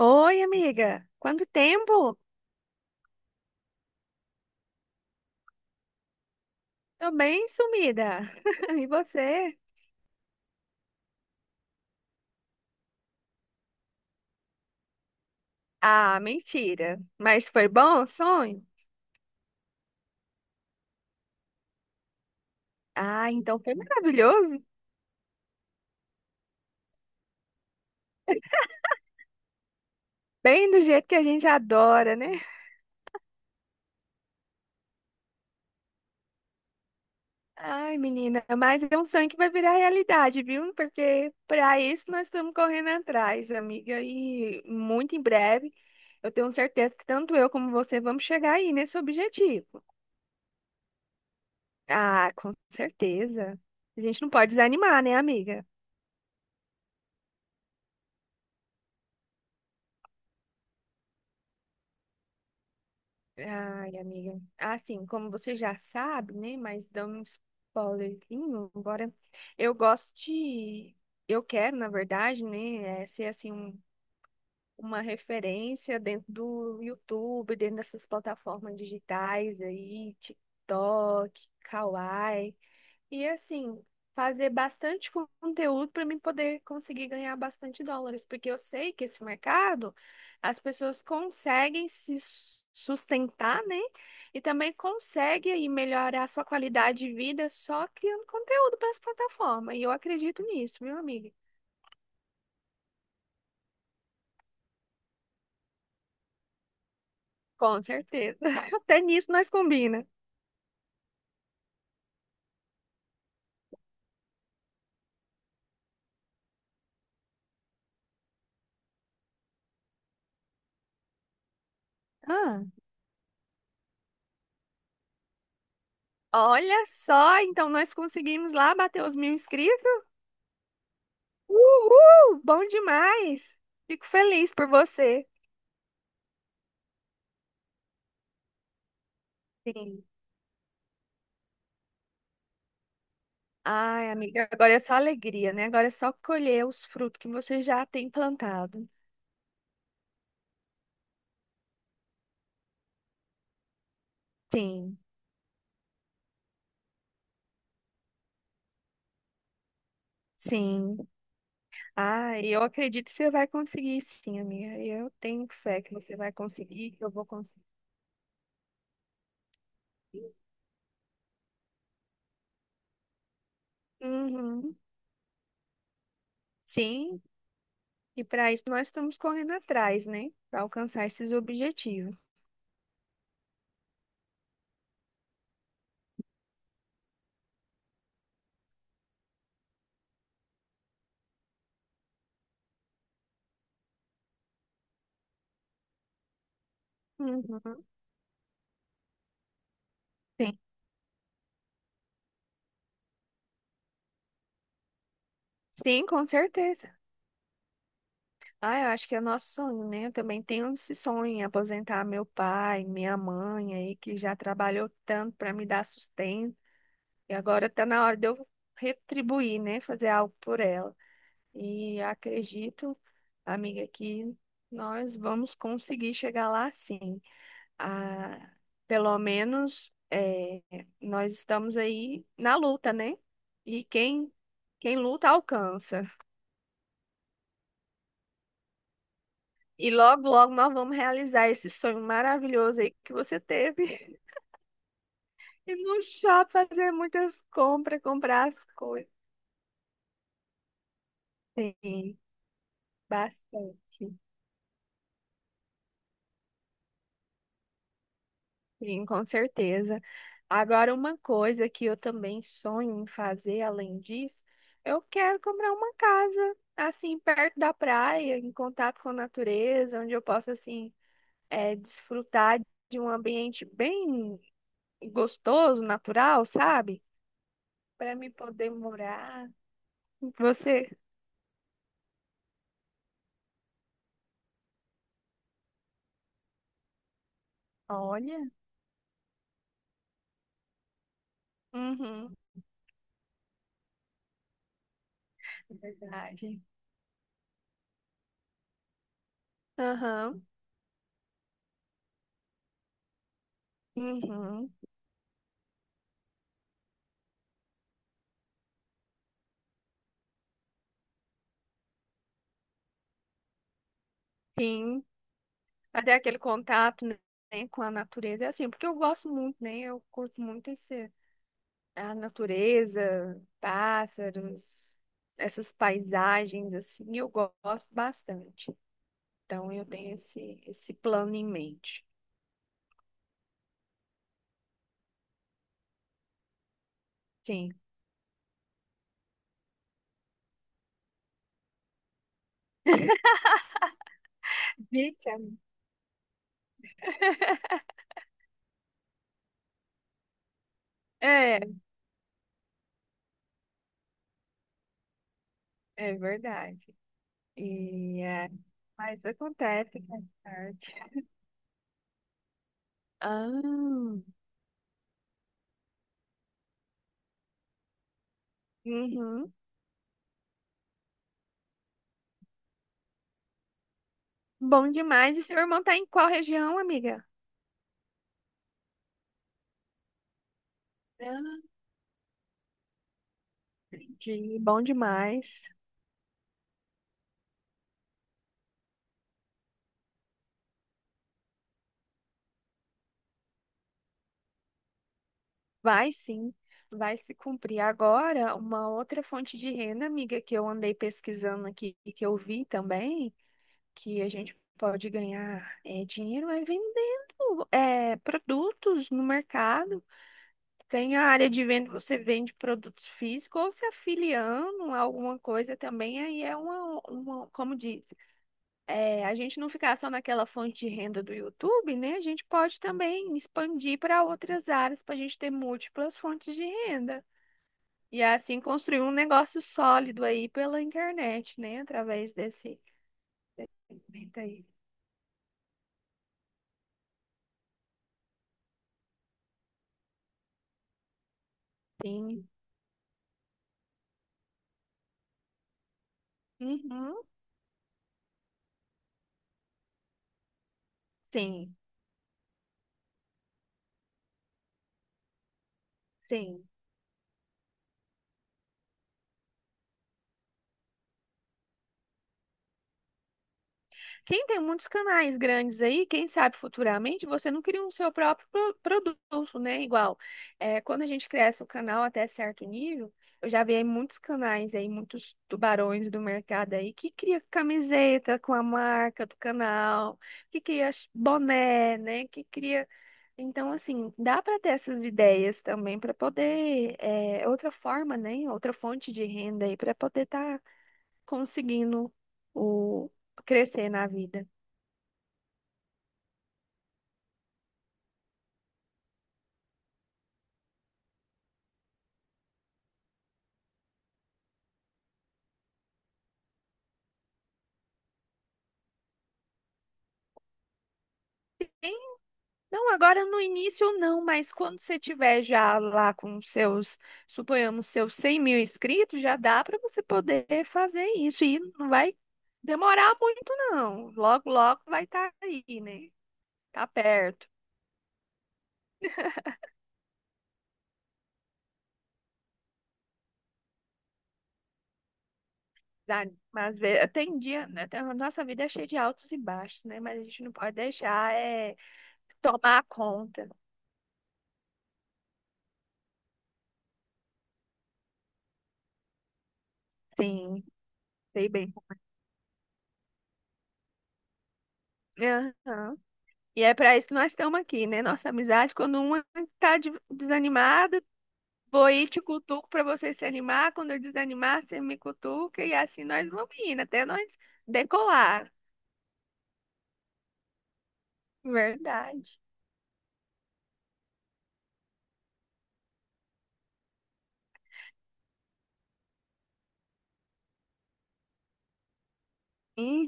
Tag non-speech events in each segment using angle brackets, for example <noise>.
Oi, amiga. Quanto tempo? Tô bem sumida. <laughs> E você? Ah, mentira. Mas foi bom o sonho? Ah, então foi maravilhoso. Bem do jeito que a gente adora, né? Ai, menina, mas é um sonho que vai virar realidade, viu? Porque para isso nós estamos correndo atrás, amiga. E muito em breve, eu tenho certeza que tanto eu como você vamos chegar aí nesse objetivo. Ah, com certeza. A gente não pode desanimar, né, amiga? Ai, amiga. Assim, como você já sabe, né? Mas dando um spoilerzinho, embora eu gosto de. Eu quero, na verdade, né? É, ser assim, uma referência dentro do YouTube, dentro dessas plataformas digitais aí, TikTok, Kawaii. E assim, fazer bastante conteúdo para mim poder conseguir ganhar bastante dólares, porque eu sei que esse mercado as pessoas conseguem se sustentar, né? E também conseguem aí melhorar sua qualidade de vida só criando conteúdo para as plataformas. E eu acredito nisso, viu, amiga? Com certeza. <laughs> Até nisso nós combina. Ah, olha só, então nós conseguimos lá bater os 1.000 inscritos. Uhul! Bom demais! Fico feliz por você. Sim. Ai, amiga, agora é só alegria, né? Agora é só colher os frutos que você já tem plantado. Sim, sim. Ai, eu acredito que você vai conseguir, sim, amiga. Eu tenho fé que você vai conseguir, que eu vou conseguir. Uhum. Sim, e para isso nós estamos correndo atrás, né? Para alcançar esses objetivos. Uhum. Sim, sim, com certeza. Ah, eu acho que é nosso sonho, né? Eu também tenho esse sonho, em aposentar meu pai, minha mãe aí, que já trabalhou tanto para me dar sustento. E agora tá na hora de eu retribuir, né? Fazer algo por ela. E acredito, amiga, que nós vamos conseguir chegar lá sim. Ah, pelo menos nós estamos aí na luta, né? E quem luta alcança. E logo, logo nós vamos realizar esse sonho maravilhoso aí que você teve. <laughs> E no shopping fazer muitas compras, comprar as coisas. Sim, bastante. Sim, com certeza. Agora, uma coisa que eu também sonho em fazer, além disso, eu quero comprar uma casa, assim, perto da praia, em contato com a natureza, onde eu possa, assim, desfrutar de um ambiente bem gostoso, natural, sabe? Para me poder morar. Você? Olha, uhum. É verdade. Aham, uhum, sim. Até aquele contato, né, com a natureza, é assim, porque eu gosto muito, né? Eu curto muito esse, a natureza, pássaros, essas paisagens, assim, eu gosto bastante. Então, eu tenho esse plano em mente. Sim. Gente, é É, é verdade. E é, mas acontece, faz parte. Ah, uhum. Bom demais. E seu irmão tá em qual região, amiga? Entendi. Bom demais. Vai sim, vai se cumprir. Agora, uma outra fonte de renda, amiga, que eu andei pesquisando aqui e que eu vi também, que a gente pode ganhar é, dinheiro é vendendo é, produtos no mercado. Tem a área de venda, você vende produtos físicos ou se afiliando a alguma coisa também, aí é uma como diz. É, a gente não ficar só naquela fonte de renda do YouTube, né? A gente pode também expandir para outras áreas para a gente ter múltiplas fontes de renda. E assim construir um negócio sólido aí pela internet, né? Através desse segmento aí. Sim. Uhum. Sim, sim. Quem tem muitos canais grandes aí, quem sabe futuramente você não cria um seu próprio produto, né? Igual, é, quando a gente cresce o canal até certo nível, eu já vi aí muitos canais aí, muitos tubarões do mercado aí que cria camiseta com a marca do canal, que cria boné, né? Que cria. Então, assim, dá para ter essas ideias também para poder, é, outra forma, né? Outra fonte de renda aí para poder estar conseguindo o crescer na vida. Não, agora no início não, mas quando você tiver já lá com seus, suponhamos, seus 100.000 inscritos, já dá para você poder fazer isso. E não vai demorar muito, não. Logo, logo vai estar aí, né? Tá perto. Dá- tem dia, né? A nossa vida é cheia de altos e baixos, né? Mas a gente não pode deixar é, tomar conta. Sim, sei bem. Aham. E é para isso que nós estamos aqui, né? Nossa amizade, quando uma está desanimada, vou ir te cutuco para você se animar. Quando eu desanimar, você me cutuca e assim nós vamos indo até nós decolar. Verdade. Hum.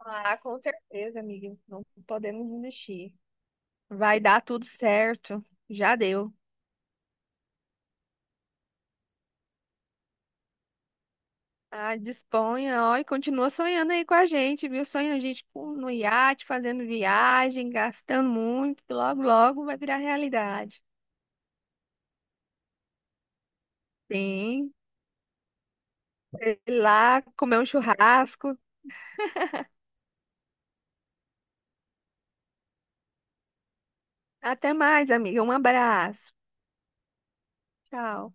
Ah, com certeza, amiga. Não podemos desistir. Vai dar tudo certo. Já deu. Ah, disponha, ó, e continua sonhando aí com a gente, viu? Sonha a gente no iate, fazendo viagem, gastando muito, que logo, logo vai virar realidade. Sim, sei lá, comer um churrasco. Até mais, amiga. Um abraço. Tchau.